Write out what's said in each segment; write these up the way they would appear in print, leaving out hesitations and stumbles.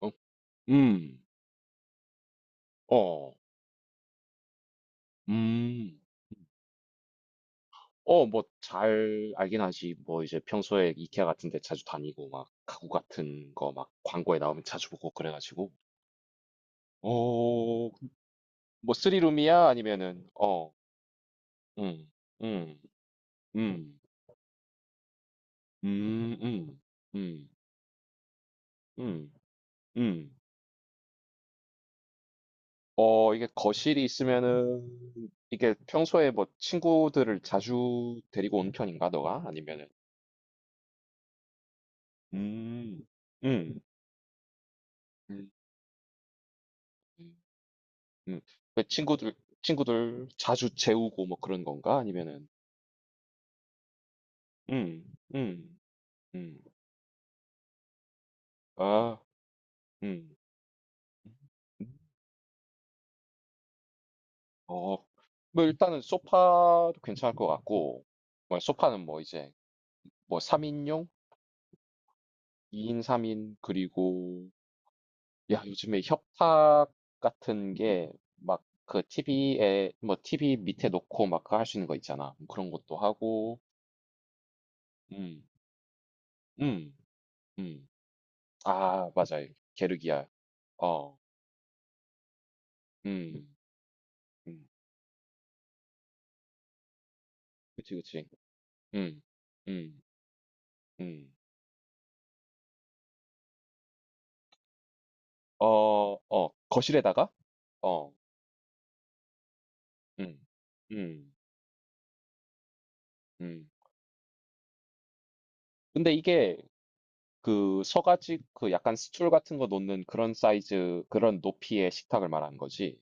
어. 음. 어. 음. 어, 뭐 잘 알긴 하지. 뭐 이제 평소에 이케아 같은 데 자주 다니고 막 가구 같은 거 막 광고에 나오면 자주 보고 그래 가지고 어, 뭐 쓰리 룸이야? 아니면은 어. 음. 음. 음. 음. 음. 음. 음. 음. 어, 이게 거실이 있으면은 이게 평소에 뭐 친구들을 자주 데리고 온 편인가 너가? 아니면은. 음. 음. 음. 음. 음. 왜 친구들 자주 재우고 뭐 그런 건가? 아니면은. 음. 음. 음. 아. 음. 음. 어. 뭐 일단은 소파도 괜찮을 것 같고. 뭐 소파는 뭐 이제 뭐 3인용, 2인, 3인 그리고, 야, 요즘에 협탁 같은 게 막 그 TV에, 뭐 티비 밑에 놓고 막 그 할수 있는 거 있잖아. 뭐 그런 것도 하고. 음. 음. 음. 아, 맞아요. 게르기아. 어. 음. 음. 그치, 그치. 음. 음. 음. 어, 어. 거실에다가? 어. 음. 음. 음. 근데 이게 그 서 가지 그 약간 스툴 같은 거 놓는 그런 사이즈, 그런 높이의 식탁을 말하는 거지.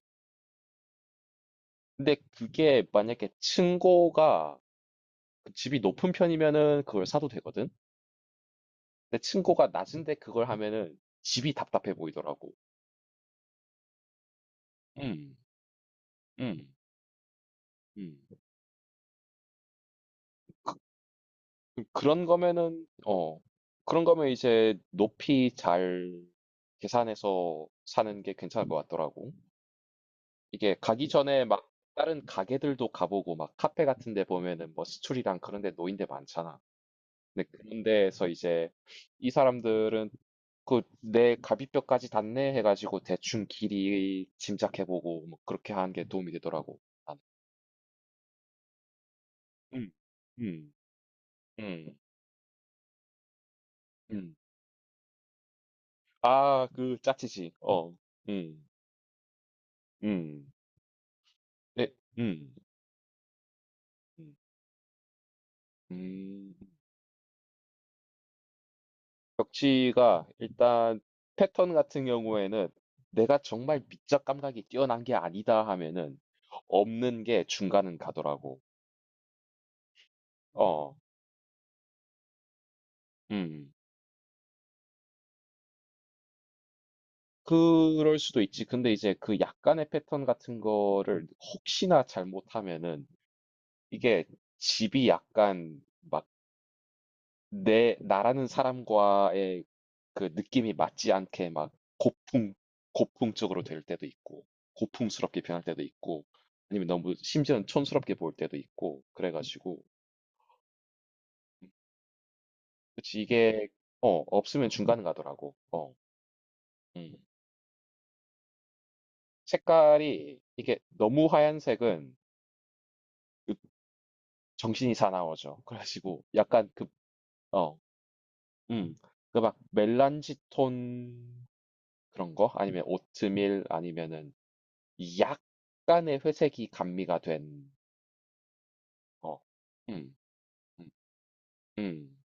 근데 그게 만약에 층고가 그 집이 높은 편이면은 그걸 사도 되거든. 근데 층고가 낮은데 그걸 하면은 집이 답답해 보이더라고. 음. 음. 음. 그런 거면은 어, 그런 거면 이제 높이 잘 계산해서 사는 게 괜찮을 것 같더라고. 이게 가기 전에 막 다른 가게들도 가보고 막 카페 같은 데 보면은 뭐 스툴이랑 그런 데 노인 데 많잖아. 근데 그런 데에서 이제 이 사람들은 그 내 갈비뼈까지 닿네 해가지고 대충 길이 짐작해보고 뭐 그렇게 하는 게 도움이 되더라고. 나는. 음. 음. 음. 음. 아, 그 짜치지. 어. 음. 음. 네. 음. 음. 음. 벽지가 일단 패턴 같은 경우에는 내가 정말 미적 감각이 뛰어난 게 아니다 하면은 없는 게 중간은 가더라고. 어. 음. 그럴 수도 있지. 근데 이제 그 약간의 패턴 같은 거를 혹시나 잘못하면은 이게 집이 약간 막 내 나라는 사람과의 그 느낌이 맞지 않게 막 고풍 고풍적으로 될 때도 있고, 고풍스럽게 변할 때도 있고 아니면 너무 심지어는 촌스럽게 보일 때도 있고 그래가지고. 그치, 이게 어 없으면 중간 가더라고. 어. 음. 색깔이 이게 너무 하얀색은 그 정신이 사나워져 그래가지고 약간 그어음그 막 멜란지 톤, 그런 거 아니면 오트밀 아니면은 약간의 회색이 감미가 된. 어. 음. 음. 음.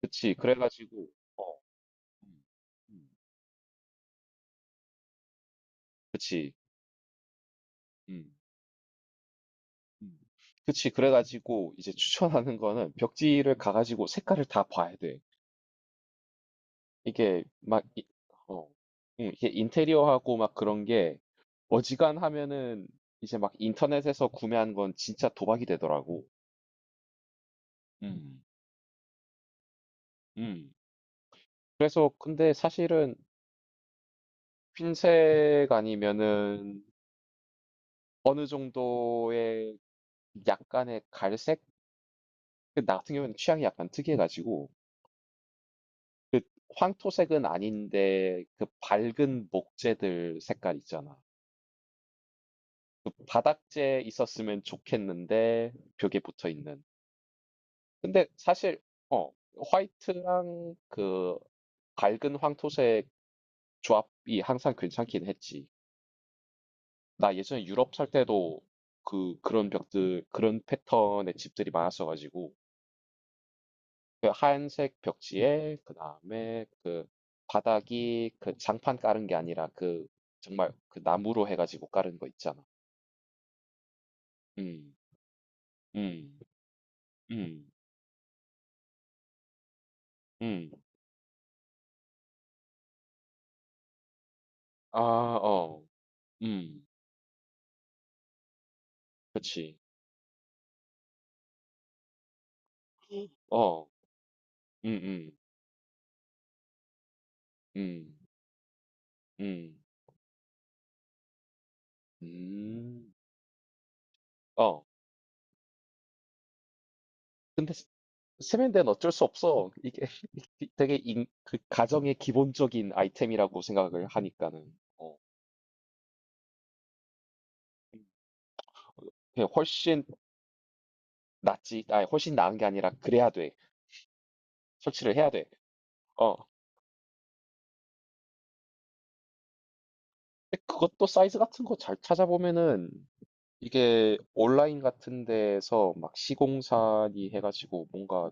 그치. 그래 가지고. 어. 음. 음. 그치. 음. 음. 그치. 그래 가지고 이제 추천하는 거는 벽지를 가 가지고 색깔을 다 봐야 돼. 이게 막 이, 어. 이게 인테리어하고 막 그런 게 어지간하면은 이제 막 인터넷에서 구매한 건 진짜 도박이 되더라고. 음. 음. 그래서 근데 사실은 흰색 아니면은 어느 정도의 약간의 갈색? 그 나 같은 경우에는 취향이 약간 특이해 가지고 그 황토색은 아닌데 그 밝은 목재들 색깔 있잖아. 그 바닥재 있었으면 좋겠는데 벽에 붙어 있는. 근데 사실 어, 화이트랑 그 밝은 황토색 조합이 항상 괜찮긴 했지. 나 예전에 유럽 살 때도 그 그런 벽들 그런 패턴의 집들이 많았어 가지고 그 하얀색 벽지에 그다음에 그 바닥이 그 장판 깔은 게 아니라 그 정말 그 나무로 해 가지고 깔은 거 있잖아. 음. 음. 음. 음. 아, 어. 음. 그치. 어. 음음. 음. 음. 음. 음. 어. 근데 스, 세면대는 어쩔 수 없어. 이게 되게 인 그 가정의 기본적인 아이템이라고 생각을 하니까는. 어. 음. 어, 그냥 훨씬 낫지. 아, 훨씬 나은 게 아니라 그래야 돼. 설치를 해야 돼. 어. 근데 그것도 사이즈 같은 거 잘 찾아보면은 이게 온라인 같은 데서 막 시공사니 해가지고 뭔가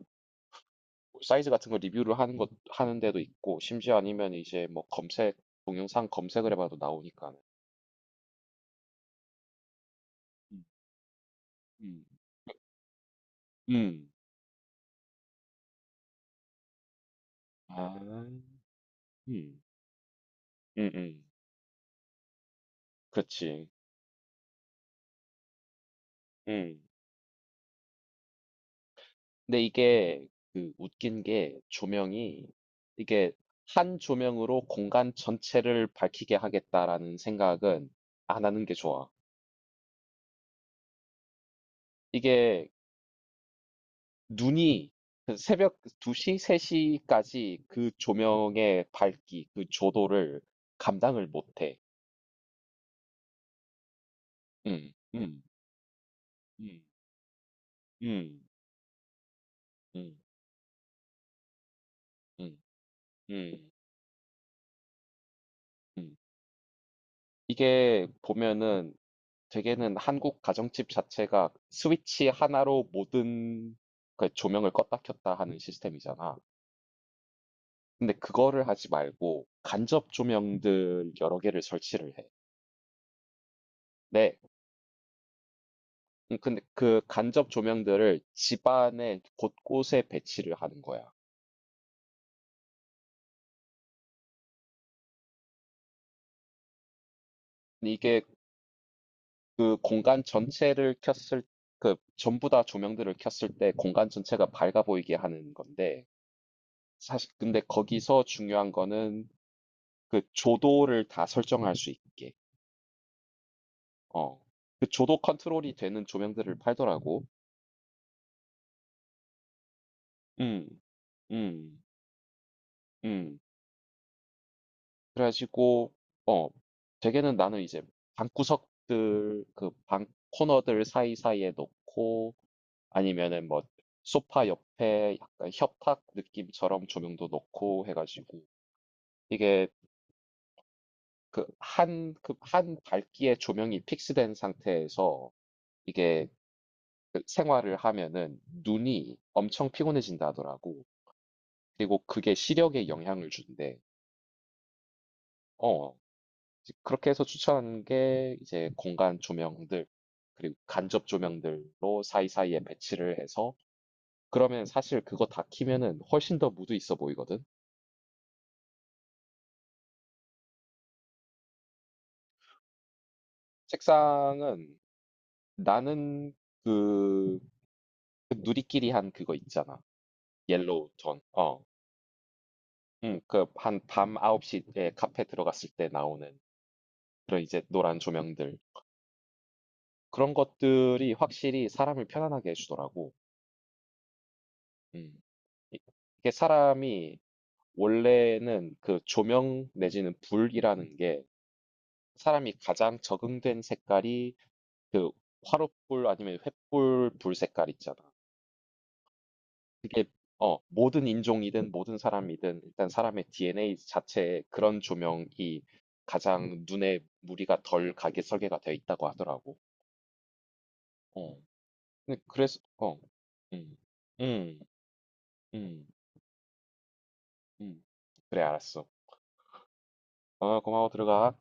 사이즈 같은 거 리뷰를 하는 것 하는 데도 있고, 심지어 아니면 이제 뭐 검색 동영상 검색을 해봐도 나오니까. 음. 음. 음. 아. 음. 음. 음. 그렇지. 음. 근데 이게 그 웃긴 게 조명이 이게 한 조명으로 공간 전체를 밝히게 하겠다라는 생각은 안 하는 게 좋아. 이게 눈이 그 새벽 2시, 3시까지 그 조명의 밝기, 그 조도를 감당을 못 해. 음. 음. 음. 음. 음. 음. 음. 음. 이게 보면은 대개는 한국 가정집 자체가 스위치 하나로 모든 그 조명을 껐다 켰다 하는 시스템이잖아. 근데 그거를 하지 말고 간접 조명들 여러 개를 설치를 해. 네. 근데 그 간접 조명들을 집안의 곳곳에 배치를 하는 거야. 근데 이게 그 공간 전체를 켰을 그 전부 다 조명들을 켰을 때 공간 전체가 밝아 보이게 하는 건데 사실 근데 거기서 중요한 거는 그 조도를 다 설정할 수 있게. 어. 그 조도 컨트롤이 되는 조명들을 팔더라고. 음. 음. 음. 그래 가지고 어, 대개는 나는 이제 방구석들 그 방 코너들 사이사이에 놓고 아니면은 뭐 소파 옆에 약간 협탁 느낌처럼 조명도 놓고 해 가지고 이게 그 한 한 밝기의 조명이 픽스된 상태에서 이게 그 생활을 하면은 눈이 엄청 피곤해진다 하더라고. 그리고 그게 시력에 영향을 준대. 어. 이제 그렇게 해서 추천하는 게 이제 공간 조명들 그리고 간접 조명들로 사이사이에 배치를 해서 그러면 사실 그거 다 키면은 훨씬 더 무드 있어 보이거든. 책상은 나는 그, 그 누리끼리 한 그거 있잖아. 옐로우 톤. 어. 그, 한 밤 9시에 카페 들어갔을 때 나오는 그런 이제 노란 조명들. 그런 것들이 확실히 사람을 편안하게 해 주더라고. 음. 이 이게 사람이 원래는 그 조명 내지는 불이라는 게 사람이 가장 적응된 색깔이 그 화롯불 아니면 횃불 불 색깔 있잖아. 그게 어 모든 인종이든 모든 사람이든 일단 사람의 DNA 자체에 그런 조명이 가장 눈에 무리가 덜 가게 설계가 되어 있다고 하더라고. 어. 근데 그래서. 어. 음. 음. 음. 음. 그래, 알았어. 어, 고마워, 들어가.